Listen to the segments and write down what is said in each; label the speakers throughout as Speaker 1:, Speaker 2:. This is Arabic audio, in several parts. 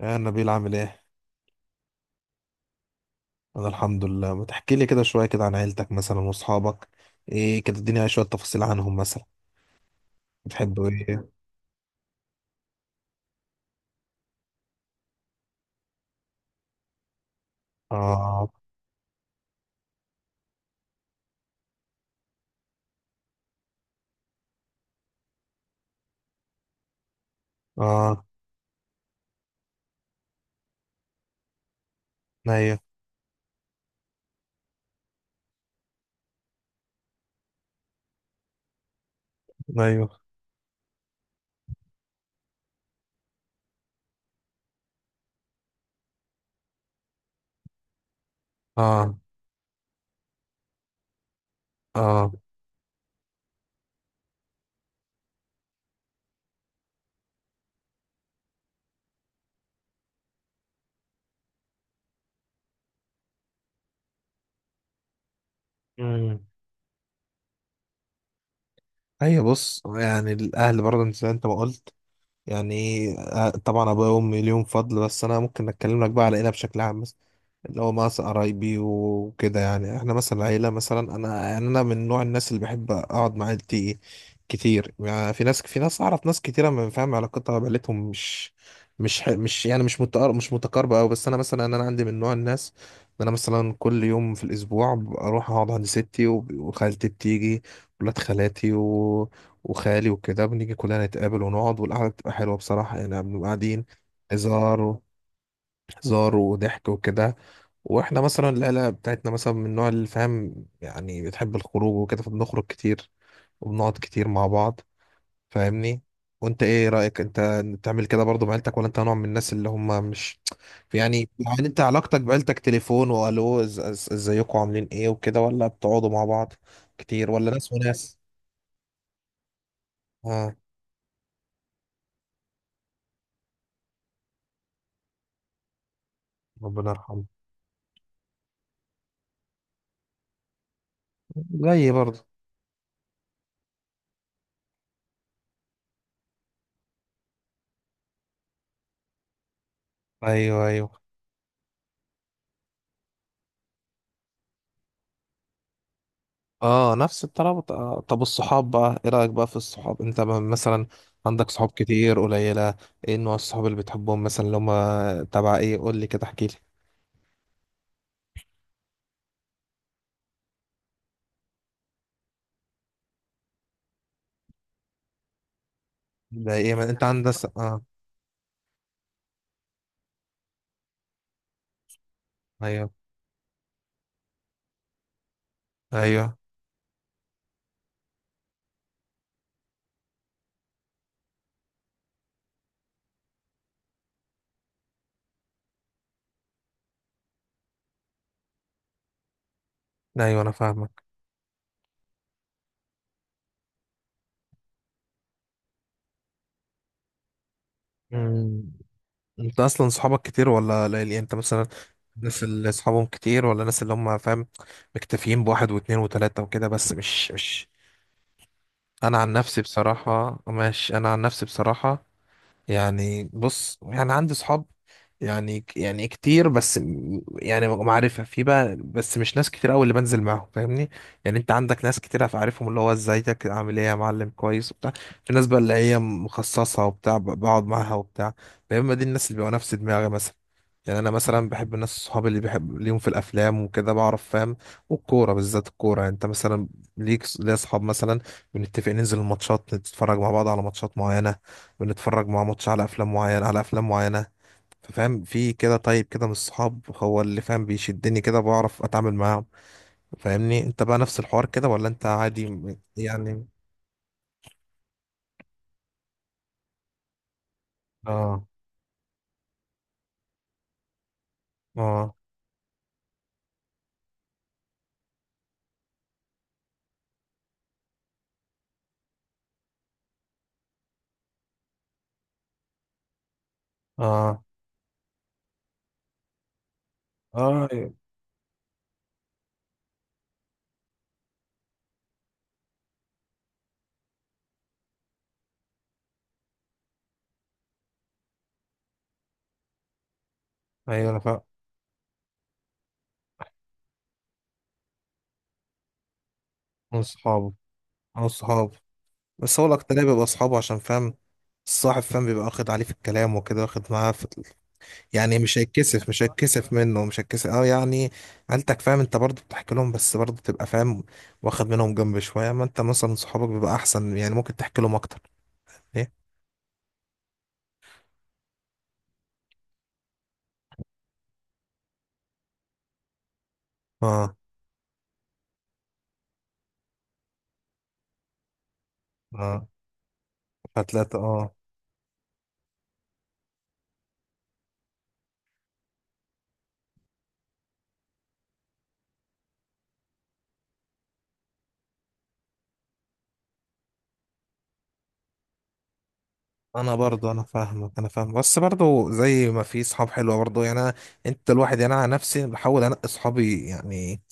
Speaker 1: يا نبيل عامل ايه؟ انا الحمد لله، ما تحكي لي كده شوية كده عن عيلتك مثلا واصحابك، ايه كده اديني شوية تفاصيل عنهم مثلا؟ بتحبوا ايه؟ اه. اه. ايوه. ايوه. اه. اه. امم، ايوه بص، يعني الاهل برضه زي انت ما قلت، يعني طبعا ابويا وامي ليهم فضل. بس انا ممكن اتكلم لك بقى على العيله بشكل عام، اللي هو مع قرايبي وكده. يعني احنا مثلا عيلة، مثلا انا، يعني انا من نوع الناس اللي بحب اقعد مع عيلتي كتير. يعني في ناس اعرف، ناس كتيرة من فاهم علاقتها بعيلتهم مش مش ح- مش يعني مش متقر مش متقاربة أوي. بس انا مثلا انا عندي من نوع الناس ان انا مثلا كل يوم في الاسبوع اروح اقعد عند ستي، وخالتي بتيجي، ولاد خالاتي وخالي وكده، بنيجي كلنا نتقابل ونقعد، والقعدة بتبقى حلوة بصراحة. يعني بنبقى قاعدين، هزار و- هزار وضحك وكده. واحنا مثلا العيله بتاعتنا مثلا من النوع اللي فاهم، يعني بتحب الخروج وكده، فبنخرج كتير وبنقعد كتير مع بعض، فاهمني؟ وانت ايه رايك؟ انت بتعمل كده برضو مع عيلتك، ولا انت نوع من الناس اللي هم مش، يعني انت علاقتك بعيلتك تليفون والو، ازيكم عاملين ايه وكده، ولا بتقعدوا مع بعض كتير، ولا ناس وناس؟ اه، ربنا يرحمه. زيي برضه. ايوه. ايوه. اه، نفس الطلب. طب الصحاب بقى، ايه رأيك بقى في الصحاب؟ انت مثلا عندك صحاب كتير قليلة؟ ايه نوع الصحاب اللي بتحبهم مثلا؟ اللي هما تبع ايه؟ قول لي كده، احكي لي. ده ايه، ما انت عندك اه. ايوه. ايوه. ايوه انا فاهمك. مم. انت اصلا صحابك كتير ولا قليل؟ يعني انت مثلا الناس اللي صحابهم كتير، ولا الناس اللي هم فاهم مكتفيين بواحد واتنين وتلاتة وكده بس، مش. انا عن نفسي بصراحة ماشي، انا عن نفسي بصراحة، يعني بص، يعني عندي صحاب يعني كتير، بس يعني معرفة في بقى، بس مش ناس كتير قوي اللي بنزل معاهم، فاهمني؟ يعني انت عندك ناس كتير عارفهم، اللي هو ازيك عامل ايه يا معلم كويس وبتاع. في ناس بقى اللي هي مخصصة وبتاع، بقعد معاها وبتاع. يا اما دي الناس اللي بيبقوا نفس دماغي مثلا. يعني انا مثلا بحب الناس، صحابي اللي بحب ليهم في الافلام وكده بعرف فاهم، والكوره بالذات الكوره. يعني انت مثلا ليك، ليا اصحاب مثلا بنتفق ننزل الماتشات، نتفرج مع بعض على ماتشات معينه، بنتفرج مع ماتش على افلام معينه، على افلام معينه. ففاهم في كده، طيب كده من الصحاب هو اللي فاهم بيشدني كده، بعرف اتعامل معاهم، فاهمني؟ انت بقى نفس الحوار كده، ولا انت عادي يعني؟ اه. اه. اه. اه. ايوه. أيوة، انا فاهم. من صحابه. من صحابه، بس هو الاكترية بيبقى اصحابه عشان فاهم. الصاحب فاهم بيبقى واخد عليه في الكلام وكده، واخد معاه، يعني مش هيتكسف، مش هيتكسف منه، مش هيتكسف اه، يعني عيلتك فاهم، انت برضه بتحكي لهم، بس برضه تبقى فاهم واخد منهم جنب شويه. ما انت مثلا صحابك بيبقى احسن، يعني ممكن تحكي لهم اكتر. ايه. اه. اه. فتلاقي اه. انا برضه، انا فاهمك، انا فاهم. بس برضه زي ما في صحاب حلوه برضه، يعني انا، انت الواحد، يعني انا عن نفسي بحاول انقي صحابي. يعني،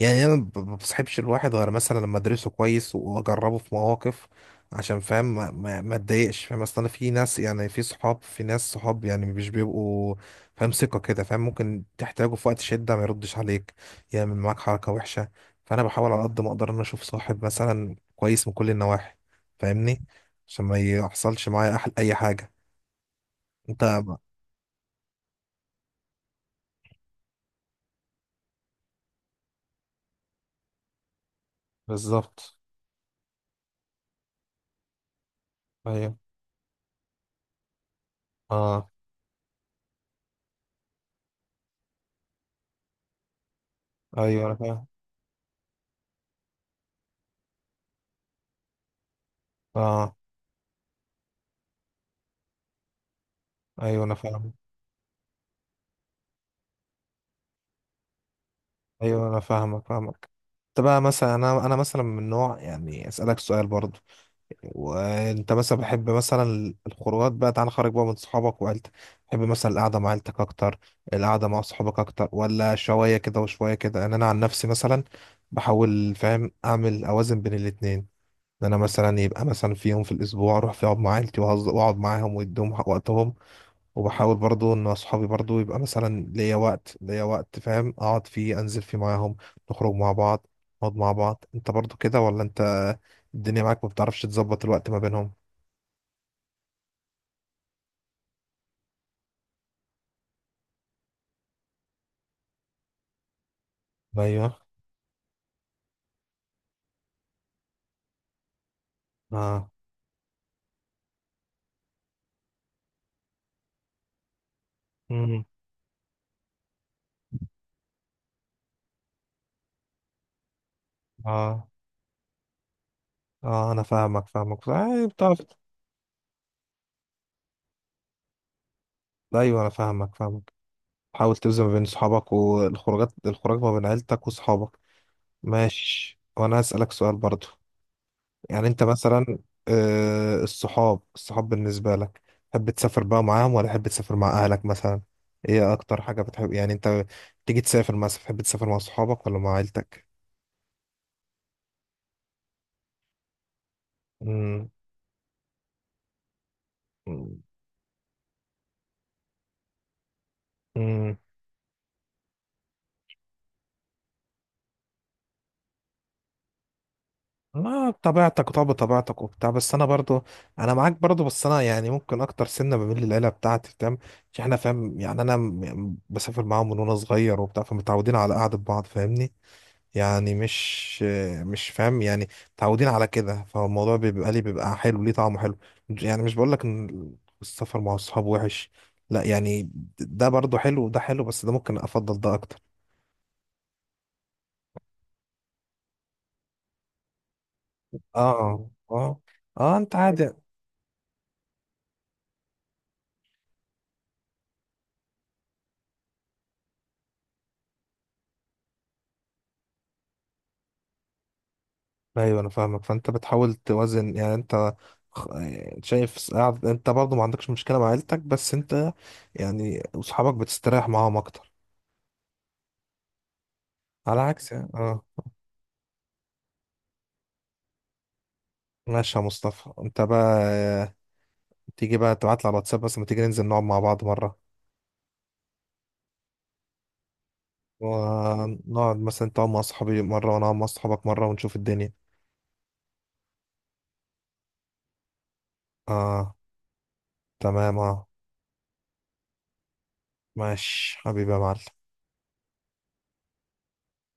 Speaker 1: يعني انا ما بصحبش الواحد غير مثلا لما ادرسه كويس واجربه في مواقف، عشان فاهم ما اتضايقش، فاهم. اصل انا في ناس، يعني في صحاب، في ناس صحاب يعني مش بيبقوا فاهم ثقة كده، فاهم ممكن تحتاجه في وقت شدة ما يردش عليك، يعمل معاك حركة وحشة. فانا بحاول على قد ما اقدر ان أنا اشوف صاحب مثلا كويس من كل النواحي، فاهمني؟ عشان ما يحصلش معايا اي حاجة. انت. بالظبط. ايوه. اه. ايوه انا فاهم. اه. ايوه انا فاهم. ايوه انا فاهمك، فاهمك. انت بقى مثلا، انا مثلا من نوع يعني اسالك سؤال برضو، وانت مثلا بحب مثلا الخروجات بقى، تعال خارج بقى من صحابك وعيلتك، بحب مثلا القعده مع عيلتك اكتر، القعده مع صحابك اكتر، ولا شويه كده وشويه كده؟ ان انا عن نفسي مثلا بحاول فاهم اعمل اوازن بين الاتنين. ان انا مثلا يبقى مثلا في يوم في الاسبوع اروح فيه اقعد مع عيلتي، واقعد معاهم واديهم وقتهم. وبحاول برضو ان اصحابي برضو يبقى مثلا ليا وقت، ليا وقت فاهم اقعد فيه انزل فيه معاهم، نخرج مع بعض، نقعد مع بعض. انت برضو كده، ولا انت الدنيا معاك ما بتعرفش تظبط الوقت ما بينهم؟ ايوه. اه. امم. اه. اه انا فاهمك، فاهمك بتعرف. ايوه انا فاهمك، فاهمك. حاول توزن ما بين صحابك والخروجات، الخروج ما بين عيلتك وصحابك. ماشي، وانا هسألك سؤال برضو. يعني انت مثلا الصحاب، الصحاب بالنسبة لك، تحب تسافر بقى معاهم، ولا تحب تسافر مع اهلك مثلا؟ ايه اكتر حاجة بتحب؟ يعني انت تيجي تسافر، مثلا تحب تسافر مع صحابك ولا مع عيلتك؟ امم. امم. ما بطبيعتك، طب بطبيعتك وبتاع، بس انا برضو، انا معاك برضو، بس انا يعني ممكن اكتر سنة بميل للعيلة بتاعتي فاهم. عشان احنا فاهم يعني انا بسافر معاهم من وانا صغير وبتاع، فمتعودين على قعدة بعض فاهمني. يعني مش فاهم يعني متعودين على كده، فالموضوع بيبقى ليه، بيبقى حلو ليه طعمه حلو. يعني مش بقول لك ان السفر مع الصحاب وحش، لا يعني ده برضه حلو وده حلو، بس ده ممكن افضل ده اكتر. اه. اه. اه، انت عادي. ايوه انا فاهمك. فانت بتحاول توازن يعني انت خ- شايف انت برضه ما عندكش مشكلة مع عيلتك، بس انت يعني اصحابك بتستريح معاهم اكتر، على عكس يعني. اه. ماشي يا مصطفى، انت بقى تيجي بقى تبعت لي على الواتساب، بس ما تيجي ننزل نقعد مع بعض مرة، ونقعد مثلا تقعد مع صحابي مرة، وأنا أقعد مع صحابك مرة، ونشوف الدنيا. آه تمام آه. ماشي حبيبي يا معلم.